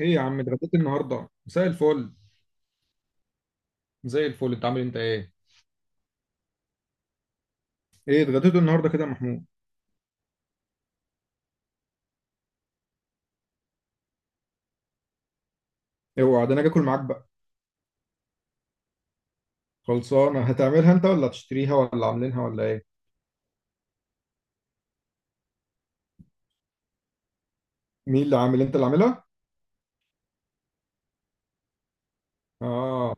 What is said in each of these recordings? ايه يا عم، اتغديت النهارده؟ مساء الفل. زي الفل. انت عامل، انت ايه؟ ايه، اتغديت النهارده كده يا محمود؟ اوعى ده انا اجي اكل معاك بقى. خلصانه هتعملها انت ولا هتشتريها ولا عاملينها ولا ايه؟ مين اللي عامل؟ انت اللي عاملها؟ اه،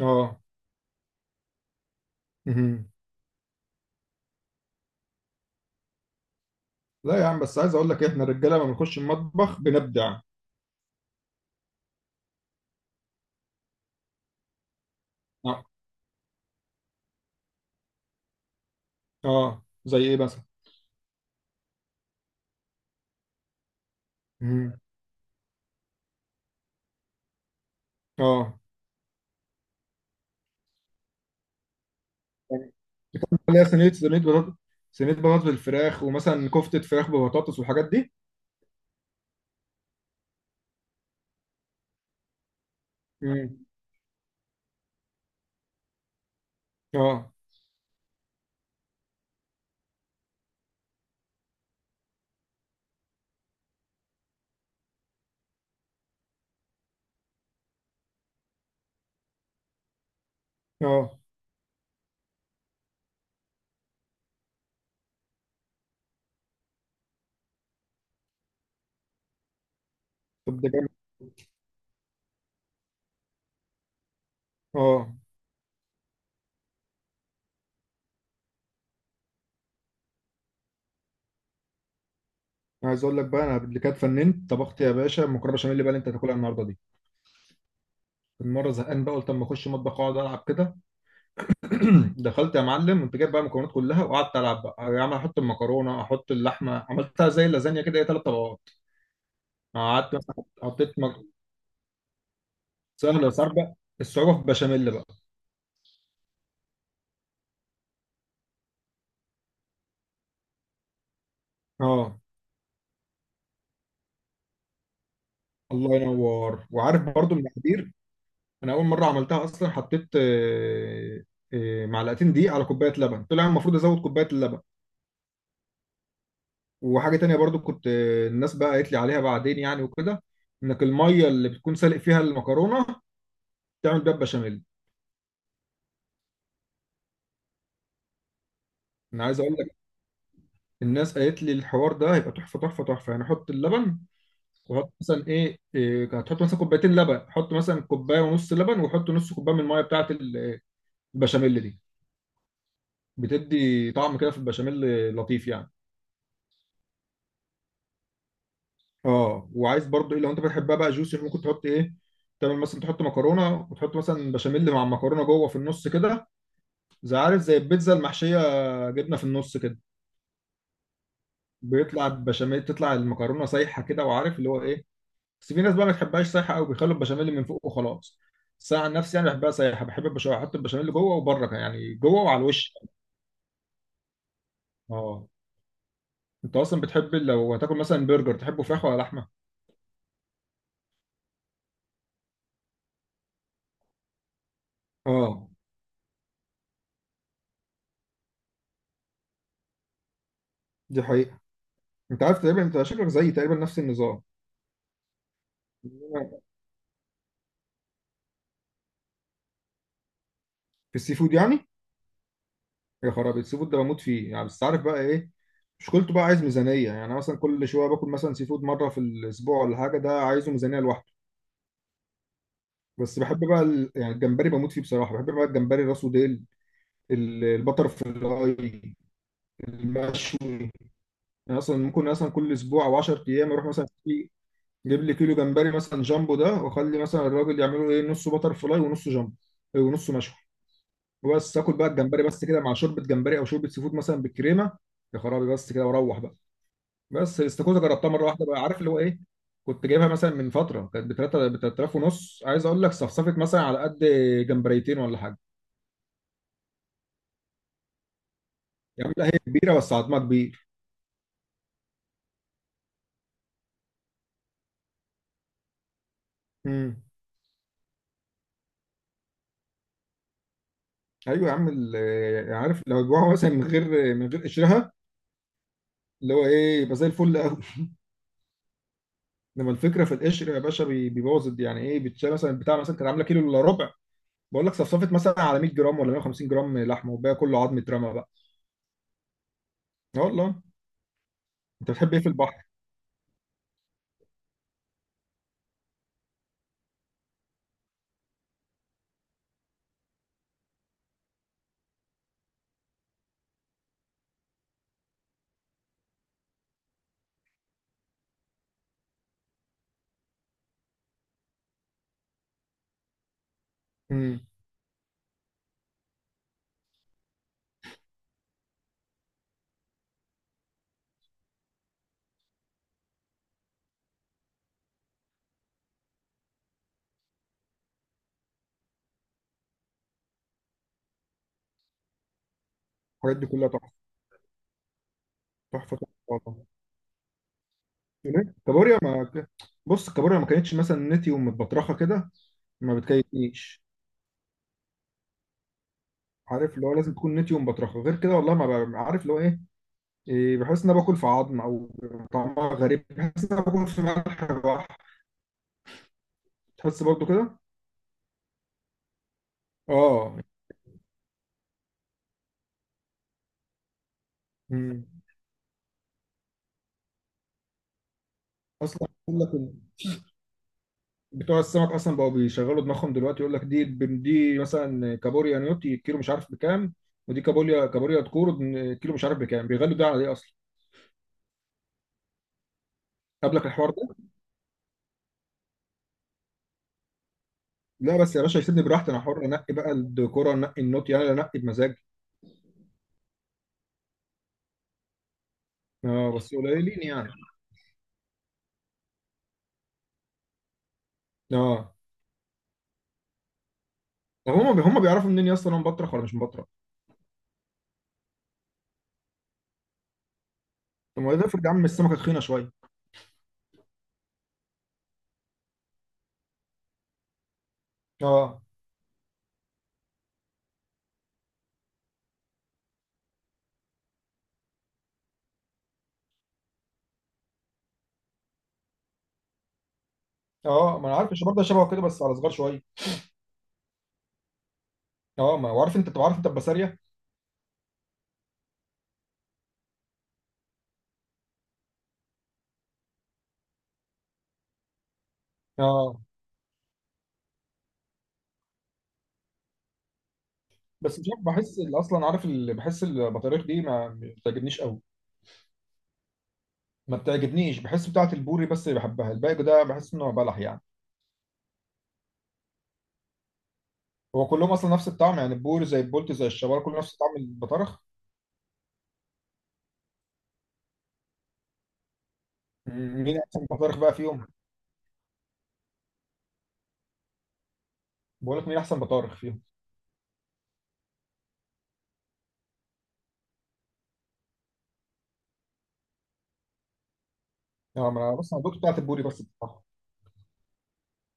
اه. مهم. لا يا عم، بس عايز اقول لك إيه، احنا الرجاله لما بنخش المطبخ بنبدع. اه، اه. زي ايه مثلا؟ مهم. اه. اللي هي صينيه بطاطس، صينيه بطاطس بالفراخ ومثلا كفته فراخ ببطاطس والحاجات دي. مم. اه، اه. طب ده جامد. اه. أنا عايز اقول لك بقى انا اللي كانت فننت طبخت يا باشا مكرونه بشاميل، اللي انت هتاكلها النهارده دي. كنت مره زهقان بقى قلت اما اخش مطبخ اقعد العب كده. دخلت يا معلم وانت جايب بقى المكونات كلها، وقعدت العب بقى يا عم، احط المكرونه احط اللحمه، عملتها زي اللازانيا كده، هي 3 طبقات. قعدت مثلا حطيت مك... سهله بس عارف بقى، الصعوبه في البشاميل بقى. اه. الله ينور، وعارف برضو المقادير. انا اول مره عملتها اصلا حطيت معلقتين دقيق على كوبايه لبن، طلع المفروض ازود كوبايه اللبن. وحاجة تانية برضو كنت الناس بقى قالت لي عليها بعدين يعني وكده، انك المية اللي بتكون سالق فيها المكرونة تعمل بيها بشاميل. انا عايز اقول لك، الناس قالت لي الحوار ده هيبقى تحفة تحفة تحفة يعني، حط اللبن. وحط مثلا إيه هتحط مثلا كوبايتين لبن، حط مثلا كوباية ونص لبن، وحط نص كوباية من المية بتاعة ال- البشاميل دي. بتدي طعم كده في البشاميل لطيف يعني. اه، وعايز برضو ايه، لو انت بتحبها بقى جوسي ممكن تحط ايه، تعمل مثلا تحط مكرونة وتحط مثلا بشاميل مع المكرونة جوه في النص كده، زي عارف زي البيتزا المحشية، جبنة في النص كده. بيطلع بشاميل، تطلع المكرونة سايحة كده وعارف اللي هو ايه. بس في ناس بقى ما تحبهاش سايحة أوي، بيخلوا البشاميل من فوق وخلاص. بس أنا عن نفسي يعني بحبها سايحة، بحب البشاميل، أحط البشاميل جوه وبره كمان، يعني جوه وعلى الوش. اه. أنت أصلا بتحب لو هتاكل مثلا برجر، تحبه فراخ ولا لحمة؟ اه. دي حقيقة. أنت عارف تقريبا، أنت شكلك زيي تقريبا نفس النظام. في السي فود يعني. يا خرابي، السي فود ده بموت فيه يعني، بس عارف بقى ايه، مشكلته بقى عايز ميزانيه يعني. أنا مثلا كل شويه باكل مثلا سي فود مره في الاسبوع ولا حاجه، ده عايزه ميزانيه لوحده. بس بحب بقى ال... يعني الجمبري بموت فيه بصراحه، بحب بقى الجمبري راسه ديل. ال- البتر فلاي المشوي. يعني اصلا ممكن مثلا كل اسبوع او 10 ايام اروح مثلا في، جيب لي كيلو جمبري مثلا جامبو ده، واخلي مثلا الراجل يعمله ايه، نصه بتر فلاي ونصه جامبو ونصه مشوي. وبس اكل بقى الجمبري بس كده مع شوربه جمبري او شوربه سي فود مثلا بالكريمه. يا خرابي بس كده، واروح بقى. بس الاستاكوزا جربتها مره واحده بقى، عارف اللي هو ايه، كنت جايبها مثلا من فتره، كانت ب 3 ب 3000 ونص، عايز اقول لك صفصفت مثلا على قد جمبريتين ولا حاجه. يا عم لا، هي كبيره بس عظمها كبير. امم. ايوه يا عم، ال- يعني عارف، لو جوعوا مثلا من غير قشرها اللي هو ايه، يبقى زي الفل قوي. انما الفكره في القشر يا باشا، بي- بيبوظ الد- يعني ايه، بتشيل مثلا بتاع مثلا كانت عامله كيلو الا ربع، بقول لك صفصفت مثلا على 100 جرام ولا 150 جرام لحمه، وباقي كله عظم اترمى بقى. اه والله. انت بتحب ايه في البحر؟ امم. الحاجات دي كلها تحفه، تحفه تحفه والله. هناك كابوريا ما، بص الكابوريا ما كانتش مثلا نتيوم متبطرخه كده، ما بتكيفنيش. عارف اللي هو لازم تكون نتيوم مبطرخه، غير كده والله ما ب- عارف اللي هو ايه. إيه، بحس ان انا باكل في عظم، او طعمها غريب، بحس ان انا باكل في ملح بحر. تحس برضو كده. اه. أمم. اصلا يقول لك إن بتوع السمك اصلا بقوا بيشغلوا دماغهم دلوقتي، يقول لك دي مثلا كابوريا نيوتي كيلو مش عارف بكام، ودي كابوريا تكورو كيلو مش عارف بكام، بيغلوا ده على ايه اصلا؟ قبلك الحوار. لا بس يا باشا يسيبني براحتي، انا حر، انقي بقى الديكور انقي النوت يعني انقي بمزاج. اه بس قليلين يعني. اه. طب هم بيعرفوا منين يا اسطى، انا مبطرخ ولا مش مبطرخ؟ طب ما ده افرض يا عم السمكه تخينه شويه. اه. اه ما انا عارف، الشباب ده شبهه كده بس على صغار شويه. اه ما هو عارف، انت بتبقى عارف انت البسارية. اه بس مش عارف، بحس اللي اصلا عارف، اللي بحس البطاريخ دي ما بتعجبنيش قوي. ما بتعجبنيش، بحس بتاعه البوري بس اللي بحبها، الباقي ده بحس انه بلح يعني. هو كلهم اصلا نفس الطعم يعني، البوري زي البولت زي الشبار كله نفس طعم البطارخ. مين احسن بطارخ بقى فيهم؟ بقول لك مين احسن بطارخ فيهم؟ يعني ما انا بص انا دوت بتاعت البوري بس بصراحه.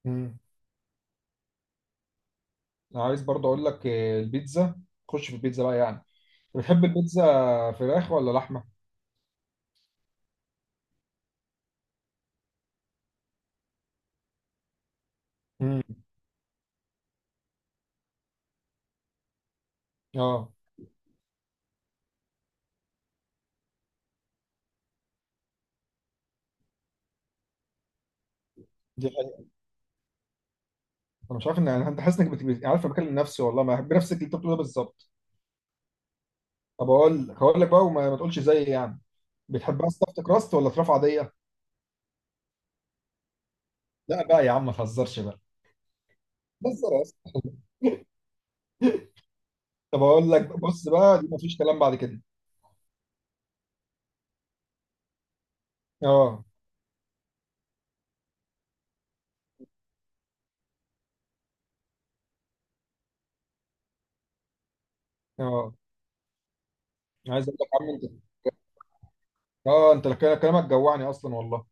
امم. انا عايز برضه اقول لك البيتزا، خش في البيتزا بقى يعني، بتحب البيتزا فراخ ولا لحمه؟ امم. اه دي حقيقة. انا مش عارف ان انا، انت حاسس انك بت- عارف، أنا بكلم نفسي والله، ما بحب نفسك اللي انت بتقوله ده بالظبط. طب اقول لك، هقول لك بقى، وما ما تقولش زيي يعني. بتحبها ستافت كراست ولا فراخ عاديه؟ لا بقى يا عم ما تهزرش بقى. بهزر اصلا. طب اقول لك بص بقى، دي ما فيش كلام بعد كده. اه. اه عايز اقول لك يا عم انت، اه انت كلامك جوعني اصلا والله.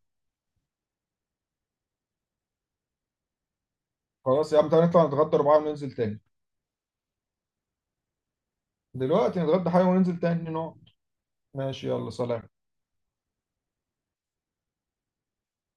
خلاص يا عم تعالى نطلع نتغدى أربعة وننزل تاني. دلوقتي نتغدى حاجة وننزل تاني نقعد. ماشي يلا سلام.